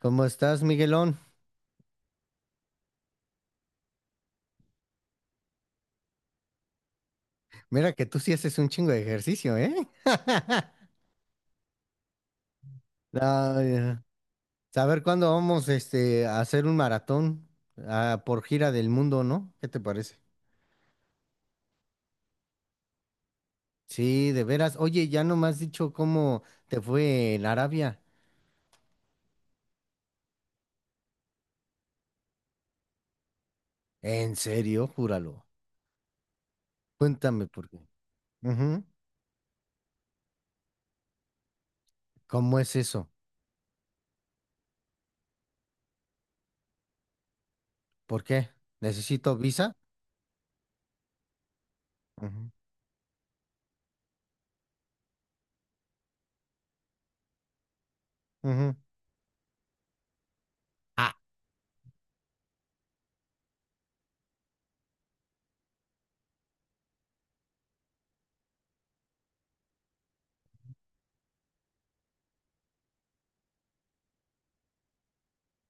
¿Cómo estás, Miguelón? Mira que tú sí haces un chingo de ejercicio, ¿eh? No, ya. Saber cuándo vamos a hacer un maratón, por gira del mundo, ¿no? ¿Qué te parece? Sí, de veras. Oye, ya no me has dicho cómo te fue en Arabia. ¿En serio? Júralo. Cuéntame por qué. Ujú. ¿Cómo es eso? ¿Por qué? ¿Necesito visa? Ujú, ujú. Ah,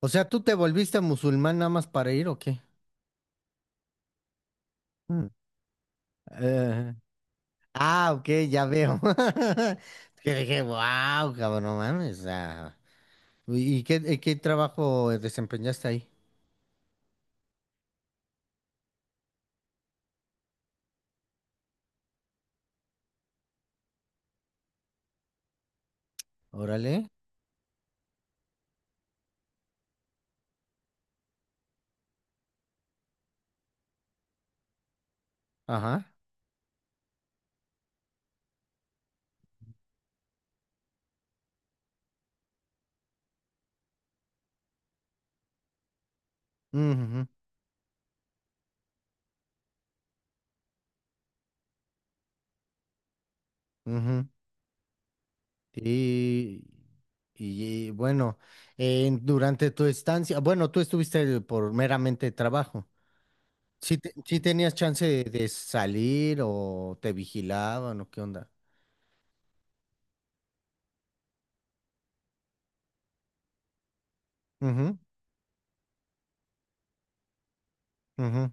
o sea, ¿tú te volviste musulmán nada más para ir o qué? Mm. Eh, Ah, ok, ya veo. Que dije, wow, cabrón, no mames. Ah". ¿Y qué trabajo desempeñaste ahí? Órale. Ajá. Ujú, ujú. Y, y bueno, durante tu estancia, bueno, tú estuviste por meramente trabajo. ¿Sí, sí tenías chance de salir o te vigilaban o qué onda? Ujú, ujú,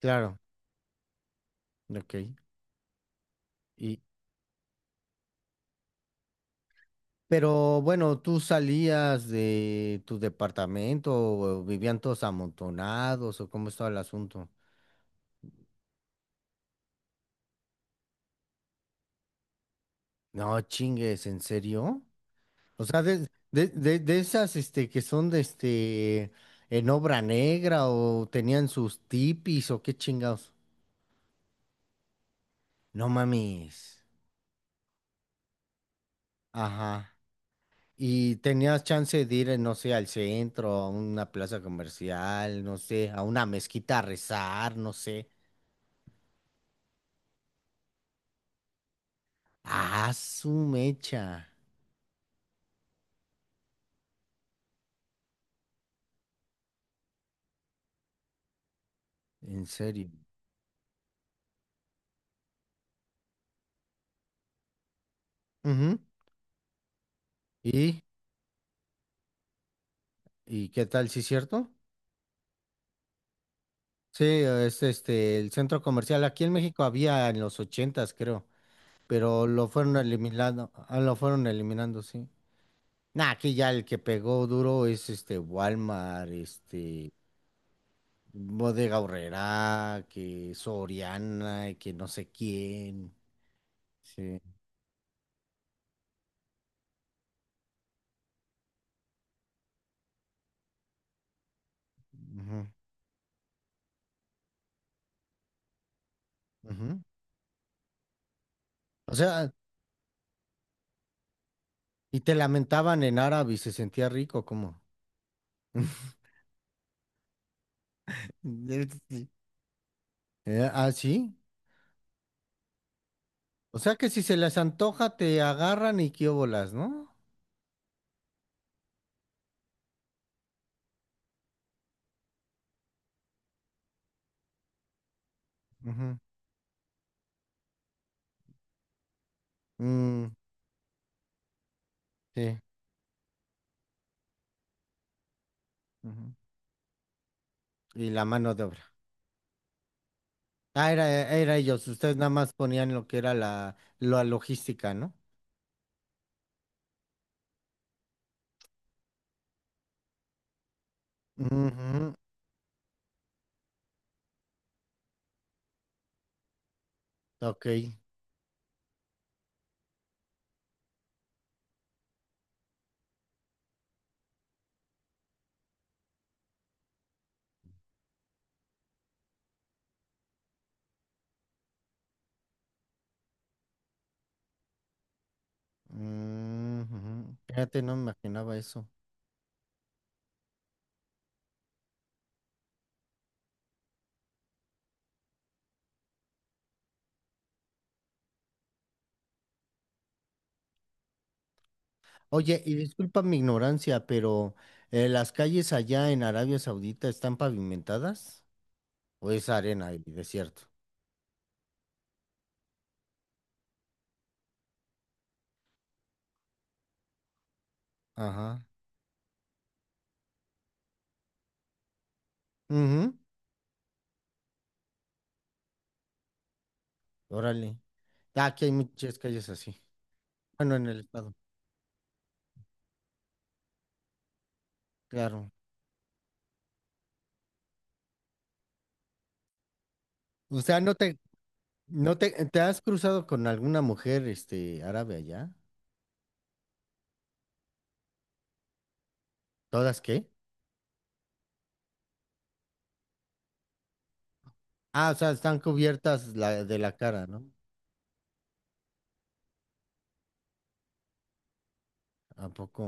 claro, ok. Pero bueno, tú salías de tu departamento, o vivían todos amontonados, o cómo estaba el asunto. No, chingues, ¿en serio? O sea, de esas que son de en obra negra, o tenían sus tipis, o qué chingados. No mames. Ajá. Y tenías chance de ir, no sé, al centro, a una plaza comercial, no sé, a una mezquita a rezar, no sé. Ah, su mecha. En serio. Ujú. ¿Y, y qué tal, sí es cierto? Sí, es el centro comercial. Aquí en México había en los ochentas, creo, pero lo fueron eliminando, lo fueron eliminando, sí. Nah, aquí ya el que pegó duro es Walmart, Bodega Aurrerá, que Soriana, y que no sé quién. Sí. Ujú, ujú. O sea, y te lamentaban en árabe y se sentía rico, ¿cómo? Ah, sí. O sea que si se les antoja, te agarran y quiobolas, ¿no? Ujú. Mm, sí. Ujú. Y la mano de obra. Ah, era ellos. Ustedes nada más ponían lo que era la logística, ¿no? Ujú. Ok. Ujú. Fíjate, no me imaginaba eso. Oye, y disculpa mi ignorancia, pero ¿las calles allá en Arabia Saudita están pavimentadas? ¿O es arena y desierto? Ajá. Ujú. Órale. Ah, aquí hay muchas calles así. Bueno, en el estado, claro. O sea, ¿no te has cruzado con alguna mujer, árabe allá? ¿Todas qué? Ah, o sea, están cubiertas de la cara, ¿no? ¿A poco?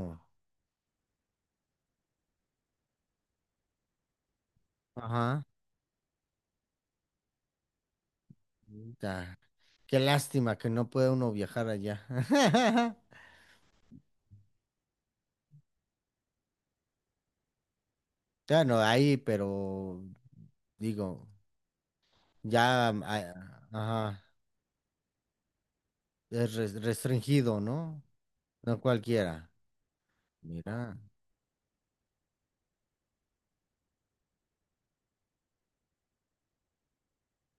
Ajá. Ta- Qué lástima que no puede uno viajar allá. Bueno, ahí, pero digo, ya, ajá, es restringido, ¿no? No cualquiera. Mira.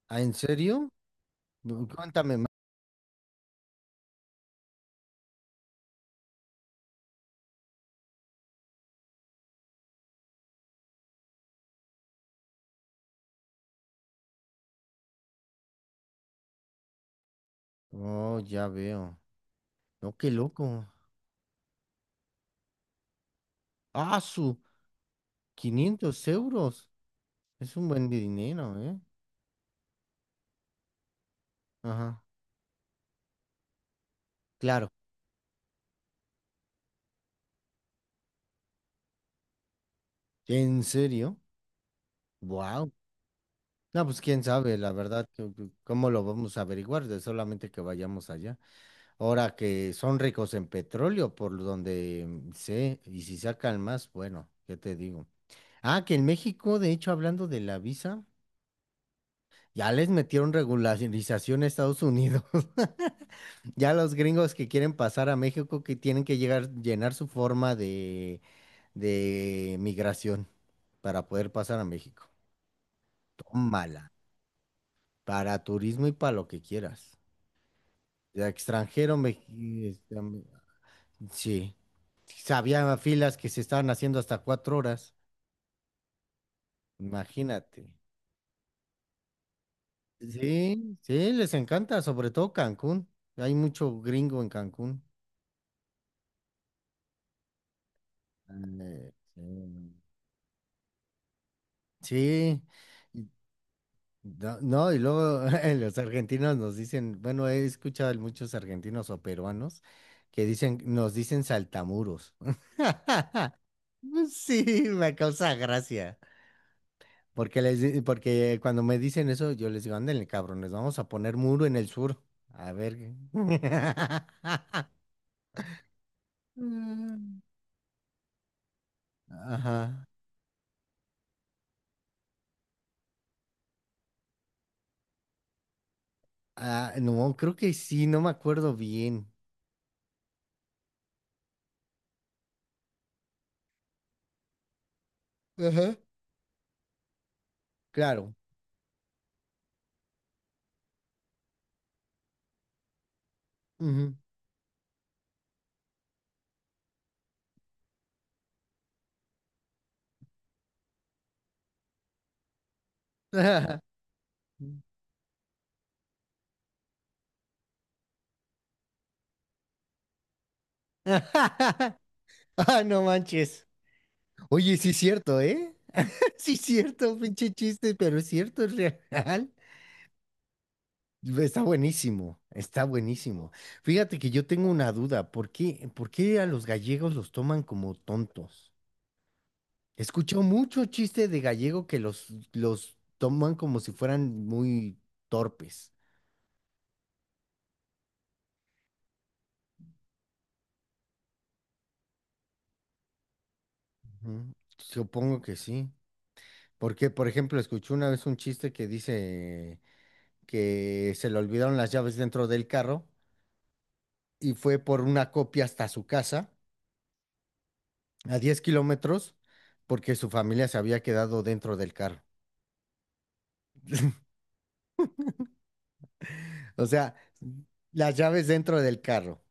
¿Ah, en serio? Cuéntame más. Oh, ya veo. No, qué loco. Ah, su 500 euros. Es un buen de dinero, ¿eh? Ajá, claro. ¿En serio? Wow. No, pues quién sabe, la verdad, cómo lo vamos a averiguar de solamente que vayamos allá. Ahora que son ricos en petróleo, por donde sé, y si sacan más, bueno, ¿qué te digo? Ah, que en México, de hecho, hablando de la visa, ya les metieron regularización a Estados Unidos. Ya los gringos que quieren pasar a México que tienen que llegar, llenar su forma de migración para poder pasar a México. Tómala. Para turismo y para lo que quieras. De extranjero, sí. Había filas que se estaban haciendo hasta 4 horas. Imagínate. Sí, sí, les encanta, sobre todo Cancún. Hay mucho gringo en Cancún. Sí. Sí. No, no, y luego los argentinos nos dicen, bueno, he escuchado a muchos argentinos o peruanos que dicen, nos dicen saltamuros. Sí, me causa gracia. Porque porque cuando me dicen eso, yo les digo, ándenle, cabrones, vamos a poner muro en el sur. A ver, qué. Mm. Ajá. Ah, no, creo que sí, no me acuerdo bien. Ajá. Claro. Ujú. Ah, no manches. Oye, sí es cierto, ¿eh? Sí es cierto, pinche chiste, pero es cierto, es real. Está buenísimo, está buenísimo. Fíjate que yo tengo una duda, ¿por qué a los gallegos los toman como tontos? He escuchado mucho chiste de gallego que los toman como si fueran muy torpes. Ujú. Supongo que sí. Porque, por ejemplo, escuché una vez un chiste que dice que se le olvidaron las llaves dentro del carro y fue por una copia hasta su casa a 10 kilómetros porque su familia se había quedado dentro del carro. O sea, las llaves dentro del carro.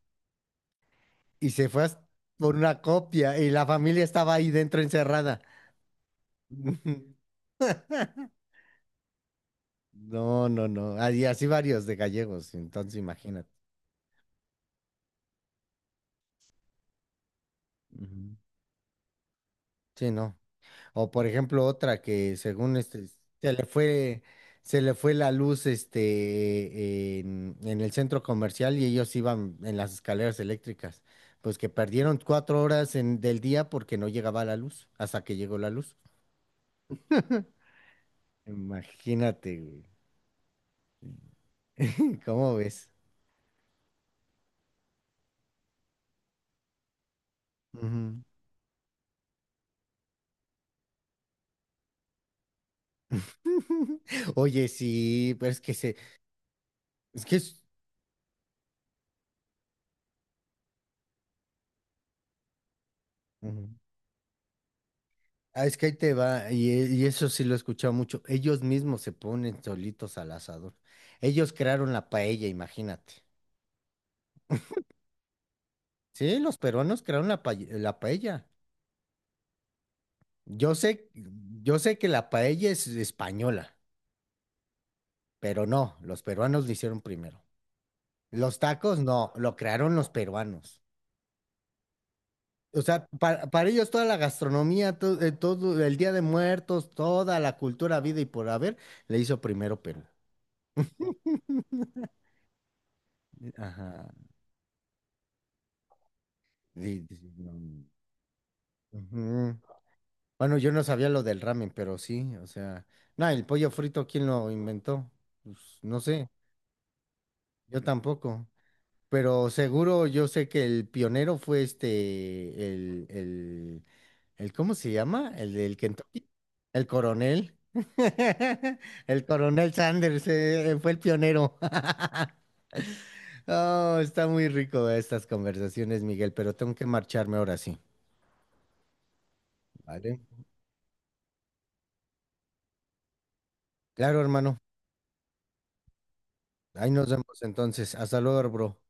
Y se fue por una copia y la familia estaba ahí dentro encerrada. No, no, no. Y así varios de gallegos, entonces imagínate. Ujú. Sí, no. O por ejemplo, otra que según se le fue, se le fue la luz en el centro comercial y ellos iban en las escaleras eléctricas. Pues que perdieron 4 horas del día porque no llegaba la luz, hasta que llegó la luz. Imagínate, güey. ¿Cómo ves? Ujú. Oye, sí, pero es que es... Ah, es que ahí te va, y eso sí lo he escuchado mucho. Ellos mismos se ponen solitos al asador. Ellos crearon la paella, imagínate. Sí, los peruanos crearon la paella. Yo sé, yo sé que la paella es española, pero no, los peruanos lo hicieron primero. Los tacos no, lo crearon los peruanos. O sea, para ellos toda la gastronomía, todo el Día de Muertos, toda la cultura, vida y por haber, le hizo primero Perú. Ajá. Sí, sí, no. Ujú. Bueno, yo no sabía lo del ramen, pero sí, o sea, no, el pollo frito, ¿quién lo inventó? Pues, no sé, yo tampoco, pero seguro yo sé que el pionero fue el ¿cómo se llama? El del Kentucky, el coronel, el coronel Sanders, fue el pionero. Oh, está muy rico estas conversaciones, Miguel, pero tengo que marcharme ahora sí, ¿vale? Claro, hermano, ahí nos vemos entonces, hasta luego, bro.